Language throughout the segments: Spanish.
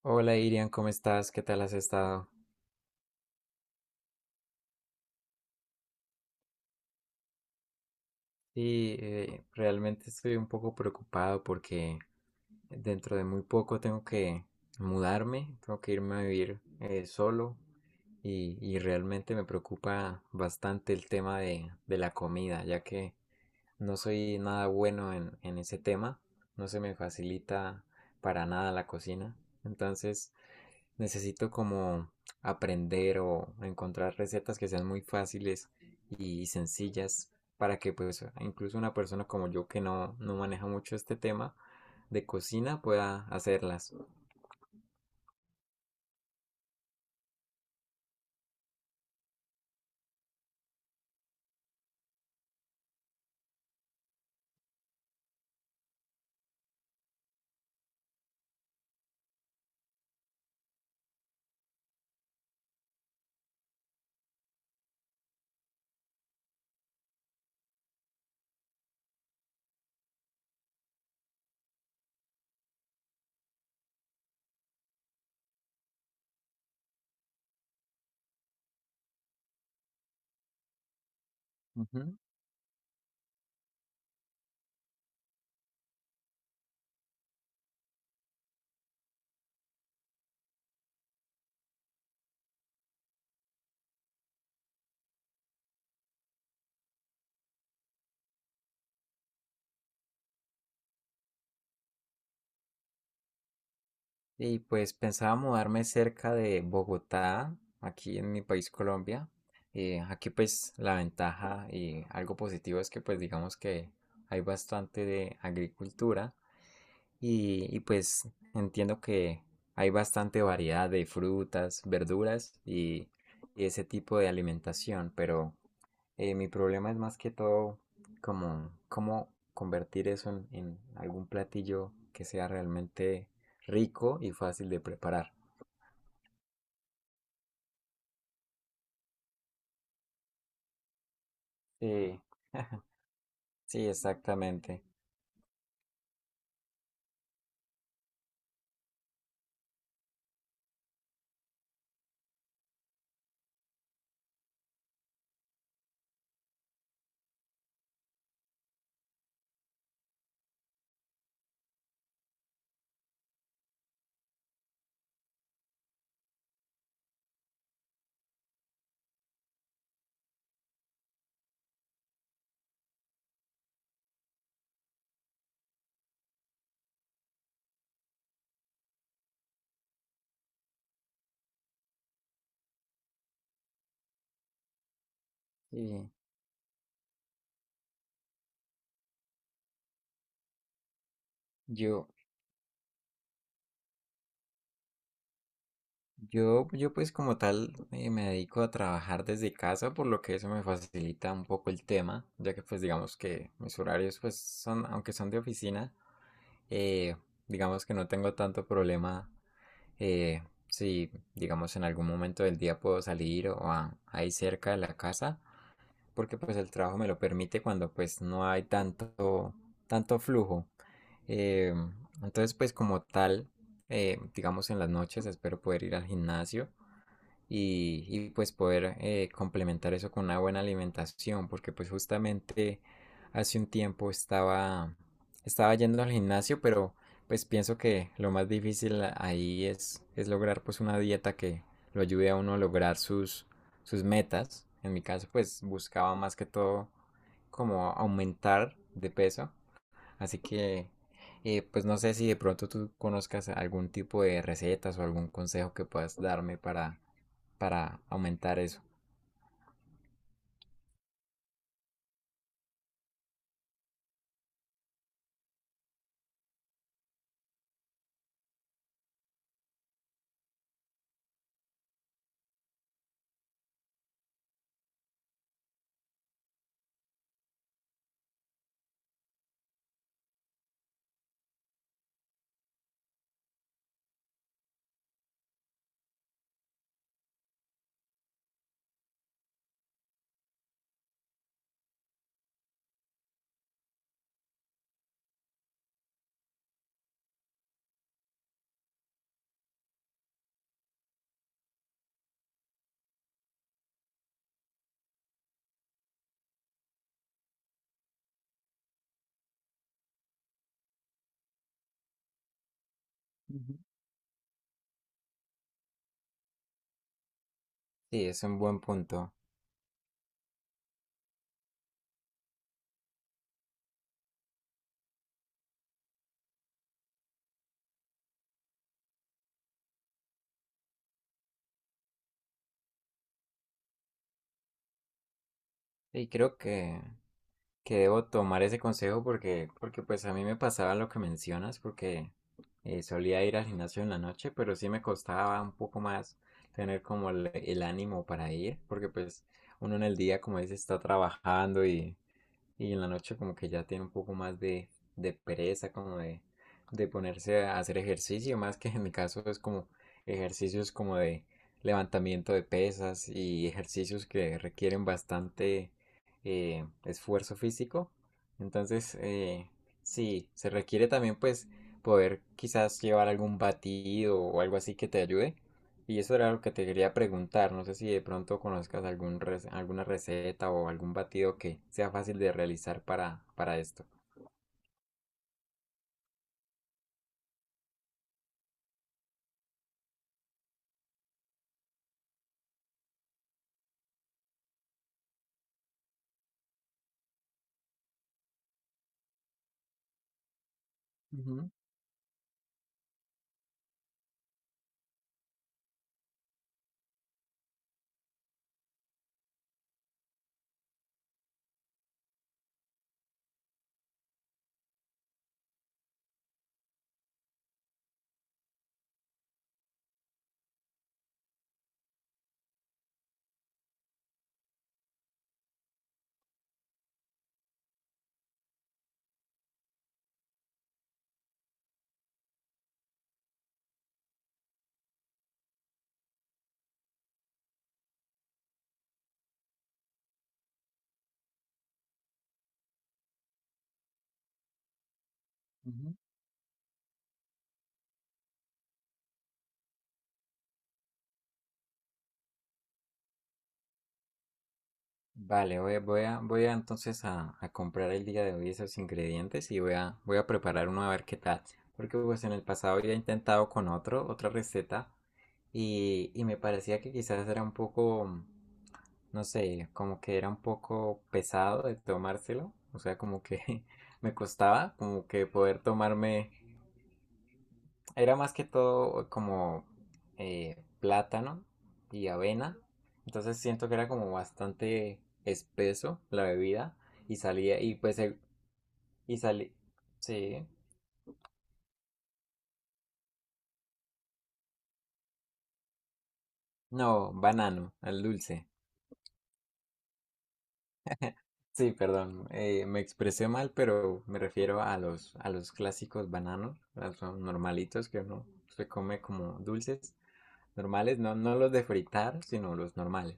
Hola Irian, ¿cómo estás? ¿Qué tal has estado? Sí, realmente estoy un poco preocupado porque dentro de muy poco tengo que mudarme, tengo que irme a vivir solo y realmente me preocupa bastante el tema de la comida, ya que no soy nada bueno en ese tema, no se me facilita para nada la cocina, entonces necesito como aprender o encontrar recetas que sean muy fáciles y sencillas para que pues incluso una persona como yo que no, no maneja mucho este tema de cocina pueda hacerlas. Ujú. Y pues pensaba mudarme cerca de Bogotá, aquí en mi país Colombia. Aquí pues la ventaja y algo positivo es que pues digamos que hay bastante de agricultura. Y pues entiendo que hay bastante variedad de frutas, verduras y ese tipo de alimentación, pero mi problema es más que todo como cómo convertir eso en algún platillo que sea realmente rico y fácil de preparar. Sí, sí, exactamente. Y yo, Yo, yo pues como tal me dedico a trabajar desde casa, por lo que eso me facilita un poco el tema, ya que pues digamos que mis horarios pues son, aunque son de oficina, eh, digamos que no tengo tanto problema eh, si digamos en algún momento del día puedo salir o ahí cerca de la casa, porque pues el trabajo me lo permite cuando pues no hay tanto, flujo. Eh, entonces pues como tal, digamos en las noches espero poder ir al gimnasio y pues poder complementar eso con una buena alimentación, porque pues justamente hace un tiempo estaba, yendo al gimnasio, pero pues pienso que lo más difícil ahí es lograr pues una dieta que lo ayude a uno a lograr sus metas. En mi caso pues buscaba más que todo como aumentar de peso, así que pues no sé si de pronto tú conozcas algún tipo de recetas o algún consejo que puedas darme para aumentar eso. Ujú. Sí, es un buen punto. Y creo que, debo tomar ese consejo porque pues a mí me pasaba lo que mencionas, porque solía ir al gimnasio en la noche, pero sí me costaba un poco más tener como el, ánimo para ir, porque pues uno en el día, como dice, está trabajando Y en la noche como que ya tiene un poco más de, pereza, como de ponerse a hacer ejercicio, más que en mi caso es como ejercicios como de levantamiento de pesas y ejercicios que requieren bastante esfuerzo físico. Entonces, sí, se requiere también pues poder quizás llevar algún batido o algo así que te ayude y eso era lo que te quería preguntar. No sé si de pronto conozcas algún rec- alguna receta o algún batido que sea fácil de realizar para, esto. Ujú, ujú. Vale, voy a, entonces a comprar el día de hoy esos ingredientes y voy a preparar uno a ver qué tal. Porque pues en el pasado ya he intentado con otro, otra receta y me parecía que quizás era un poco, no sé, como que era un poco pesado de tomárselo. O sea, como que me costaba como que poder tomarme era más que todo como plátano y avena. Entonces siento que era como bastante espeso la bebida. Y salía, y pues, y salí, sí, no, banano, al dulce. Sí, perdón, me expresé mal, pero me refiero a los, clásicos bananos, a los normalitos que uno se come como dulces normales, no, no los de fritar, sino los normales.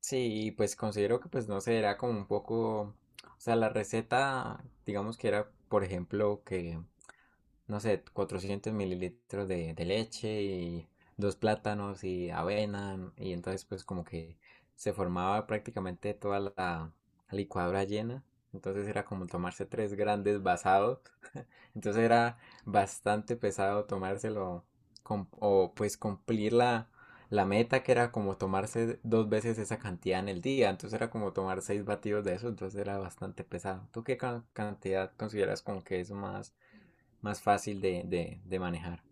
Sí, y pues considero que pues no sé, era como un poco, o sea, la receta, digamos que era, por ejemplo, que no sé, 400 ml de, leche y dos plátanos y avena. Y entonces pues como que se formaba prácticamente toda la licuadora llena. Entonces era como tomarse tres grandes basados. Entonces era bastante pesado tomárselo o pues cumplir la meta que era como tomarse dos veces esa cantidad en el día. Entonces era como tomar seis batidos de eso. Entonces era bastante pesado. ¿Tú qué cantidad consideras como que es más fácil de, manejar?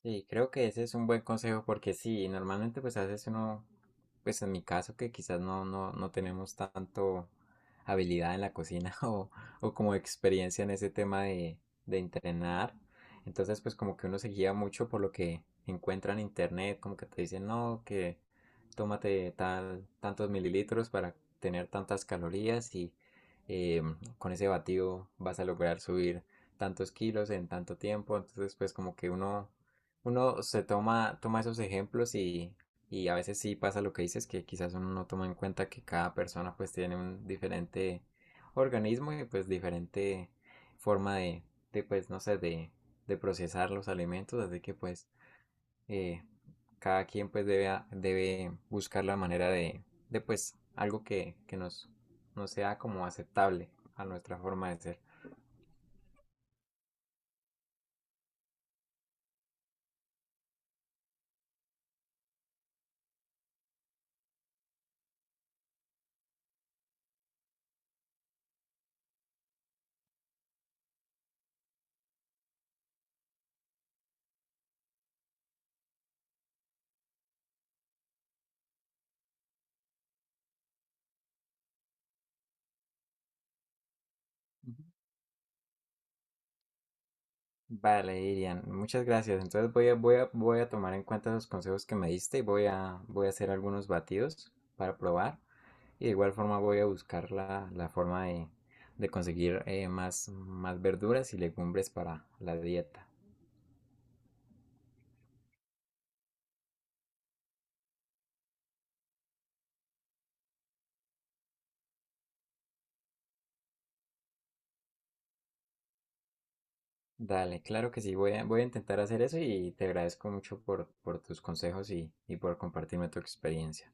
Sí, creo que ese es un buen consejo porque sí, normalmente pues a veces uno, pues en mi caso que quizás no, no, no tenemos tanto habilidad en la cocina o, como experiencia en ese tema de entrenar, entonces pues como que uno se guía mucho por lo que encuentra en internet, como que te dicen no, que tómate tal, tantos mililitros para tener tantas calorías y eh, con ese batido vas a lograr subir tantos kilos en tanto tiempo, entonces pues como que uno se toma esos ejemplos y, a veces sí pasa lo que dices, que quizás uno no toma en cuenta que cada persona pues tiene un diferente organismo y pues diferente forma de pues no sé, de, procesar los alimentos, así que pues eh, cada quien pues debe, debe buscar la manera de, pues algo que, nos sea como aceptable a nuestra forma de ser. Vale, Irian, muchas gracias. Entonces voy a, tomar en cuenta los consejos que me diste y voy a hacer algunos batidos para probar. Y de igual forma voy a buscar la, forma de conseguir más verduras y legumbres para la dieta. Dale, claro que sí, voy a, intentar hacer eso y te agradezco mucho por tus consejos y por compartirme tu experiencia.